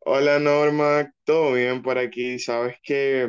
Hola Norma, todo bien por aquí. Sabes que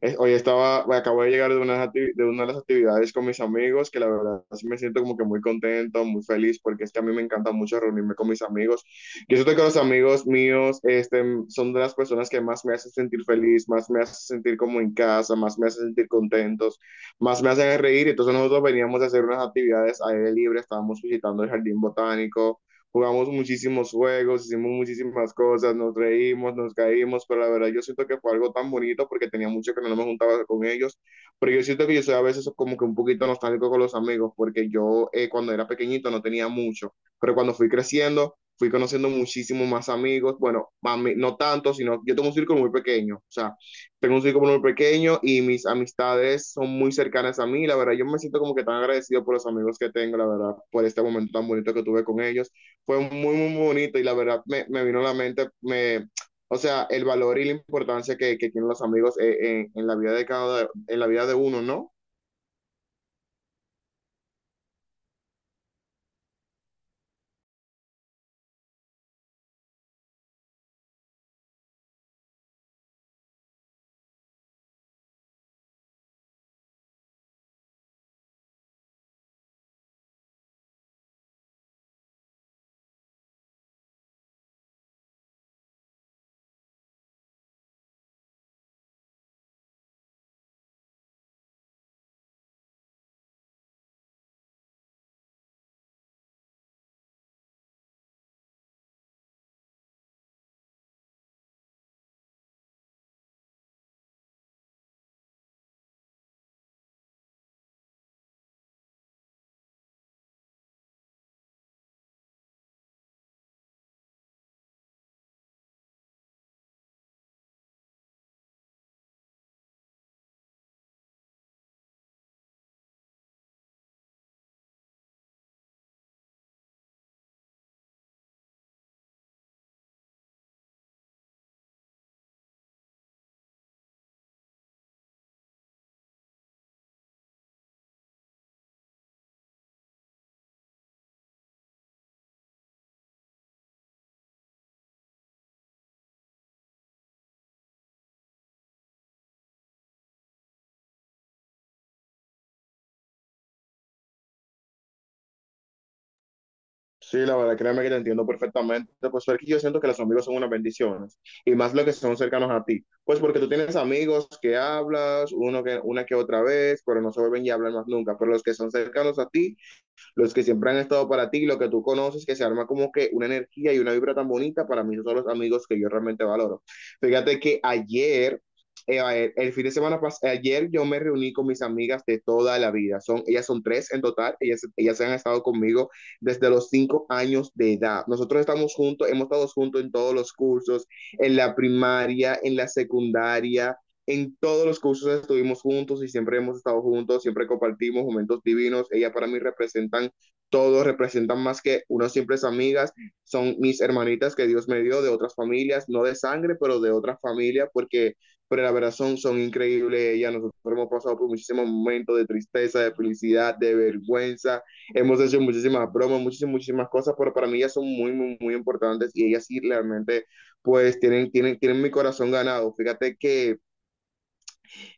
hoy estaba, acabo de llegar de de una de las actividades con mis amigos, que la verdad sí me siento como que muy contento, muy feliz, porque es que a mí me encanta mucho reunirme con mis amigos. Yo siento que los amigos míos, son de las personas que más me hacen sentir feliz, más me hacen sentir como en casa, más me hacen sentir contentos, más me hacen reír. Entonces nosotros veníamos a hacer unas actividades aire libre, estábamos visitando el jardín botánico. Jugamos muchísimos juegos, hicimos muchísimas cosas, nos reímos, nos caímos, pero la verdad yo siento que fue algo tan bonito porque tenía mucho que no me juntaba con ellos, pero yo siento que yo soy a veces como que un poquito nostálgico con los amigos porque yo cuando era pequeñito no tenía mucho, pero cuando fui creciendo fui conociendo muchísimos más amigos, bueno, mami, no tanto, sino yo tengo un círculo muy pequeño, o sea, tengo un círculo muy pequeño y mis amistades son muy cercanas a mí, la verdad yo me siento como que tan agradecido por los amigos que tengo, la verdad, por este momento tan bonito que tuve con ellos fue muy, muy bonito y la verdad me vino a la mente, o sea, el valor y la importancia que tienen los amigos en la vida de uno, ¿no? Sí, la verdad, créeme que te entiendo perfectamente. Pues porque yo siento que los amigos son unas bendiciones y más los que son cercanos a ti. Pues porque tú tienes amigos que hablas una que otra vez, pero no se vuelven y hablan más nunca. Pero los que son cercanos a ti, los que siempre han estado para ti, lo que tú conoces, que se arma como que una energía y una vibra tan bonita, para mí esos son los amigos que yo realmente valoro. Fíjate que ayer, el fin de semana pasado, ayer yo me reuní con mis amigas de toda la vida. Ellas son tres en total, ellas han estado conmigo desde los 5 años de edad. Nosotros estamos juntos, hemos estado juntos en todos los cursos, en la primaria, en la secundaria, en todos los cursos estuvimos juntos y siempre hemos estado juntos, siempre compartimos momentos divinos. Ella para mí representan todo, representan más que unas simples amigas. Son mis hermanitas que Dios me dio de otras familias, no de sangre, pero de otra familia, pero la verdad son increíbles. Ellas Nosotros hemos pasado por muchísimos momentos de tristeza, de felicidad, de vergüenza. Hemos hecho muchísimas bromas, muchísimas, muchísimas cosas, pero para mí ellas son muy, muy, muy importantes y ellas sí realmente, pues, tienen mi corazón ganado. Fíjate que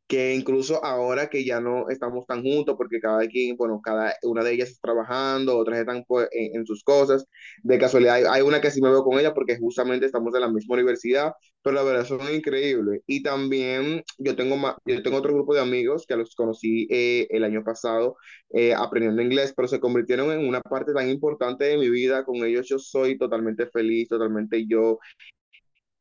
que incluso ahora que ya no estamos tan juntos, porque cada quien, bueno, cada una de ellas está trabajando, otras están pues, sus cosas, de casualidad hay una que sí me veo con ella porque justamente estamos en la misma universidad, pero la verdad son increíbles. Y también yo tengo otro grupo de amigos que los conocí el año pasado aprendiendo inglés, pero se convirtieron en una parte tan importante de mi vida, con ellos yo soy totalmente feliz, totalmente yo,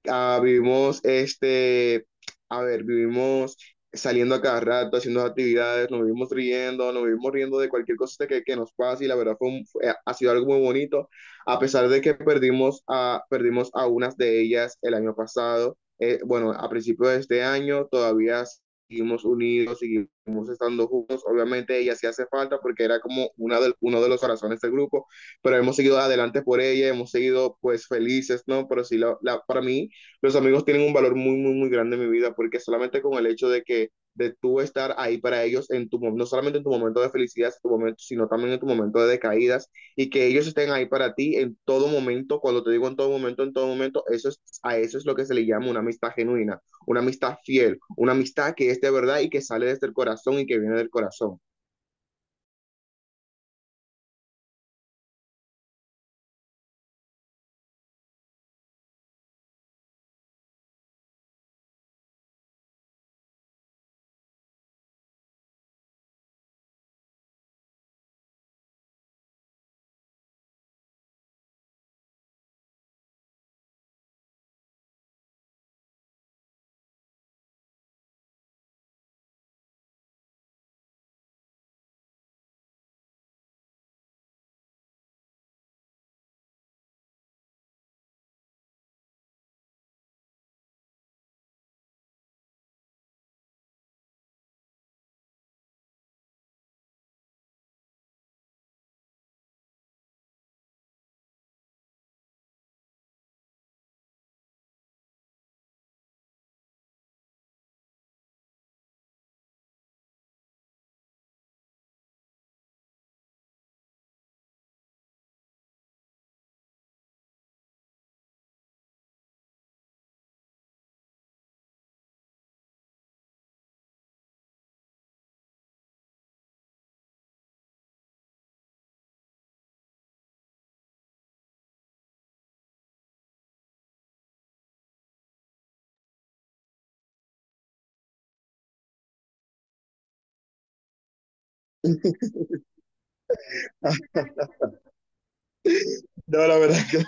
ah, vivimos este, vivimos saliendo a cada rato, haciendo actividades, nos vivimos riendo de cualquier cosa que nos pase y la verdad ha sido algo muy bonito, a pesar de que perdimos a unas de ellas el año pasado, bueno, a principios de este año todavía seguimos unidos, seguimos estando juntos, obviamente ella sí hace falta porque era como uno de los corazones del grupo, pero hemos seguido adelante por ella, hemos seguido pues felices, ¿no? Pero sí, para mí. Los amigos tienen un valor muy, muy, muy grande en mi vida porque solamente con el hecho de tú estar ahí para ellos en no solamente en tu momento de felicidad, en tu momento, sino también en tu momento de caídas y que ellos estén ahí para ti en todo momento, cuando te digo en todo momento, eso es lo que se le llama una amistad genuina, una amistad fiel, una amistad que es de verdad y que sale desde el corazón y que viene del corazón. No, la verdad que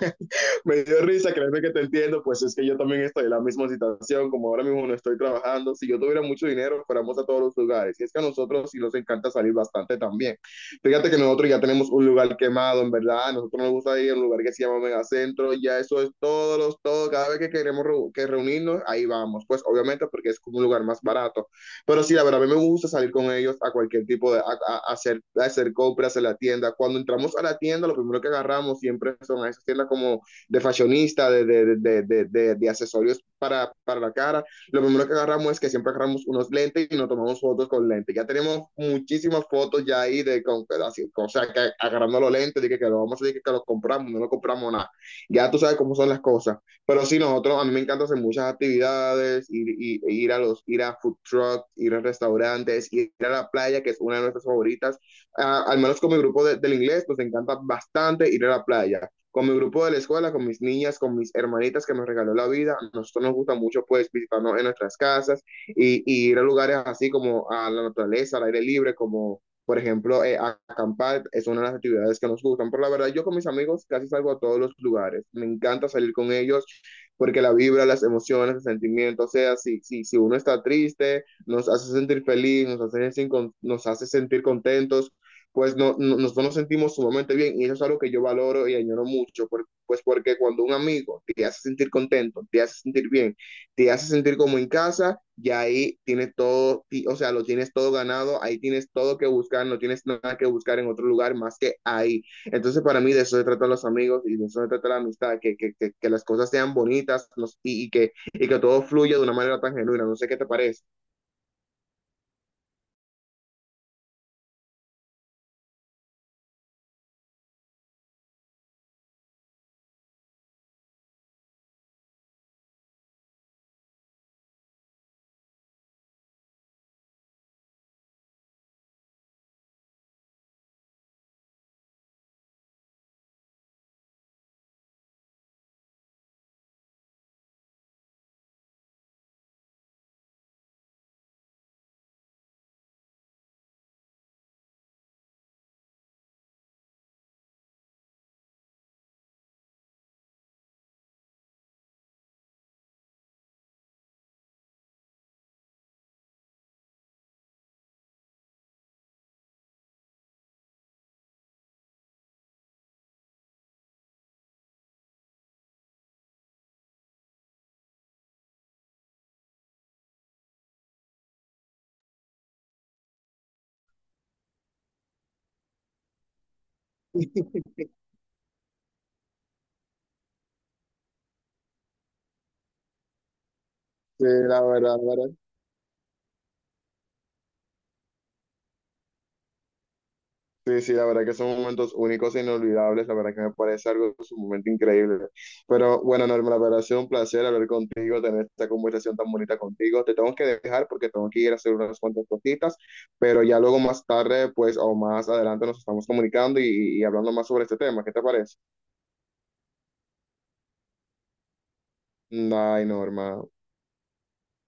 me dio risa, créeme que te entiendo, pues es que yo también estoy en la misma situación, como ahora mismo no estoy trabajando, si yo tuviera mucho dinero, fuéramos a todos los lugares, y es que a nosotros sí nos encanta salir bastante también. Fíjate que nosotros ya tenemos un lugar quemado, en verdad, a nosotros nos gusta ir a un lugar que se llama Megacentro, ya eso es todo, cada vez que queremos reu- que reunirnos, ahí vamos, pues obviamente porque es como un lugar más barato, pero sí, la verdad, a mí me gusta salir con ellos a cualquier tipo de, a hacer compras en la tienda, cuando entramos a la tienda, lo primero que agarramos siempre son a esas tiendas como de fashionista, de accesorios para, la cara. Lo primero que agarramos es que siempre agarramos unos lentes y nos tomamos fotos con lentes. Ya tenemos muchísimas fotos ya ahí de con, así, o sea, que agarrando los lentes, de que lo vamos a decir que lo compramos, no lo compramos nada. Ya tú sabes cómo son las cosas. Pero sí, nosotros, a mí me encanta hacer muchas actividades, ir a food trucks, ir a restaurantes, ir a la playa, que es una de nuestras favoritas. Al menos con mi grupo del inglés, nos encanta bastante ir a la playa con mi grupo de la escuela, con mis niñas, con mis hermanitas que nos regaló la vida. A nosotros nos gusta mucho pues visitarnos en nuestras casas y ir a lugares así como a la naturaleza, al aire libre, como por ejemplo acampar, es una de las actividades que nos gustan. Pero la verdad, yo con mis amigos casi salgo a todos los lugares. Me encanta salir con ellos porque la vibra, las emociones, el sentimiento, o sea, si uno está triste, nos hace sentir feliz, nos hace sentir contentos, pues nosotros nos sentimos sumamente bien y eso es algo que yo valoro y añoro mucho, pues porque cuando un amigo te hace sentir contento, te hace sentir bien, te hace sentir como en casa, y ahí tienes todo, o sea, lo tienes todo ganado, ahí tienes todo que buscar, no tienes nada que buscar en otro lugar más que ahí. Entonces para mí de eso se tratan los amigos y de eso se trata la amistad, que las cosas sean bonitas y que todo fluya de una manera tan genuina, no sé qué te parece. Sí, la verdad, la verdad. Sí, sí, la verdad que son momentos únicos e inolvidables, la verdad que me parece algo sumamente increíble. Pero bueno, Norma, la verdad ha sido un placer hablar contigo, tener esta conversación tan bonita contigo. Te tengo que dejar porque tengo que ir a hacer unas cuantas cositas, pero ya luego más tarde, pues, o más adelante nos estamos comunicando y hablando más sobre este tema. ¿Qué te parece? Ay, Norma.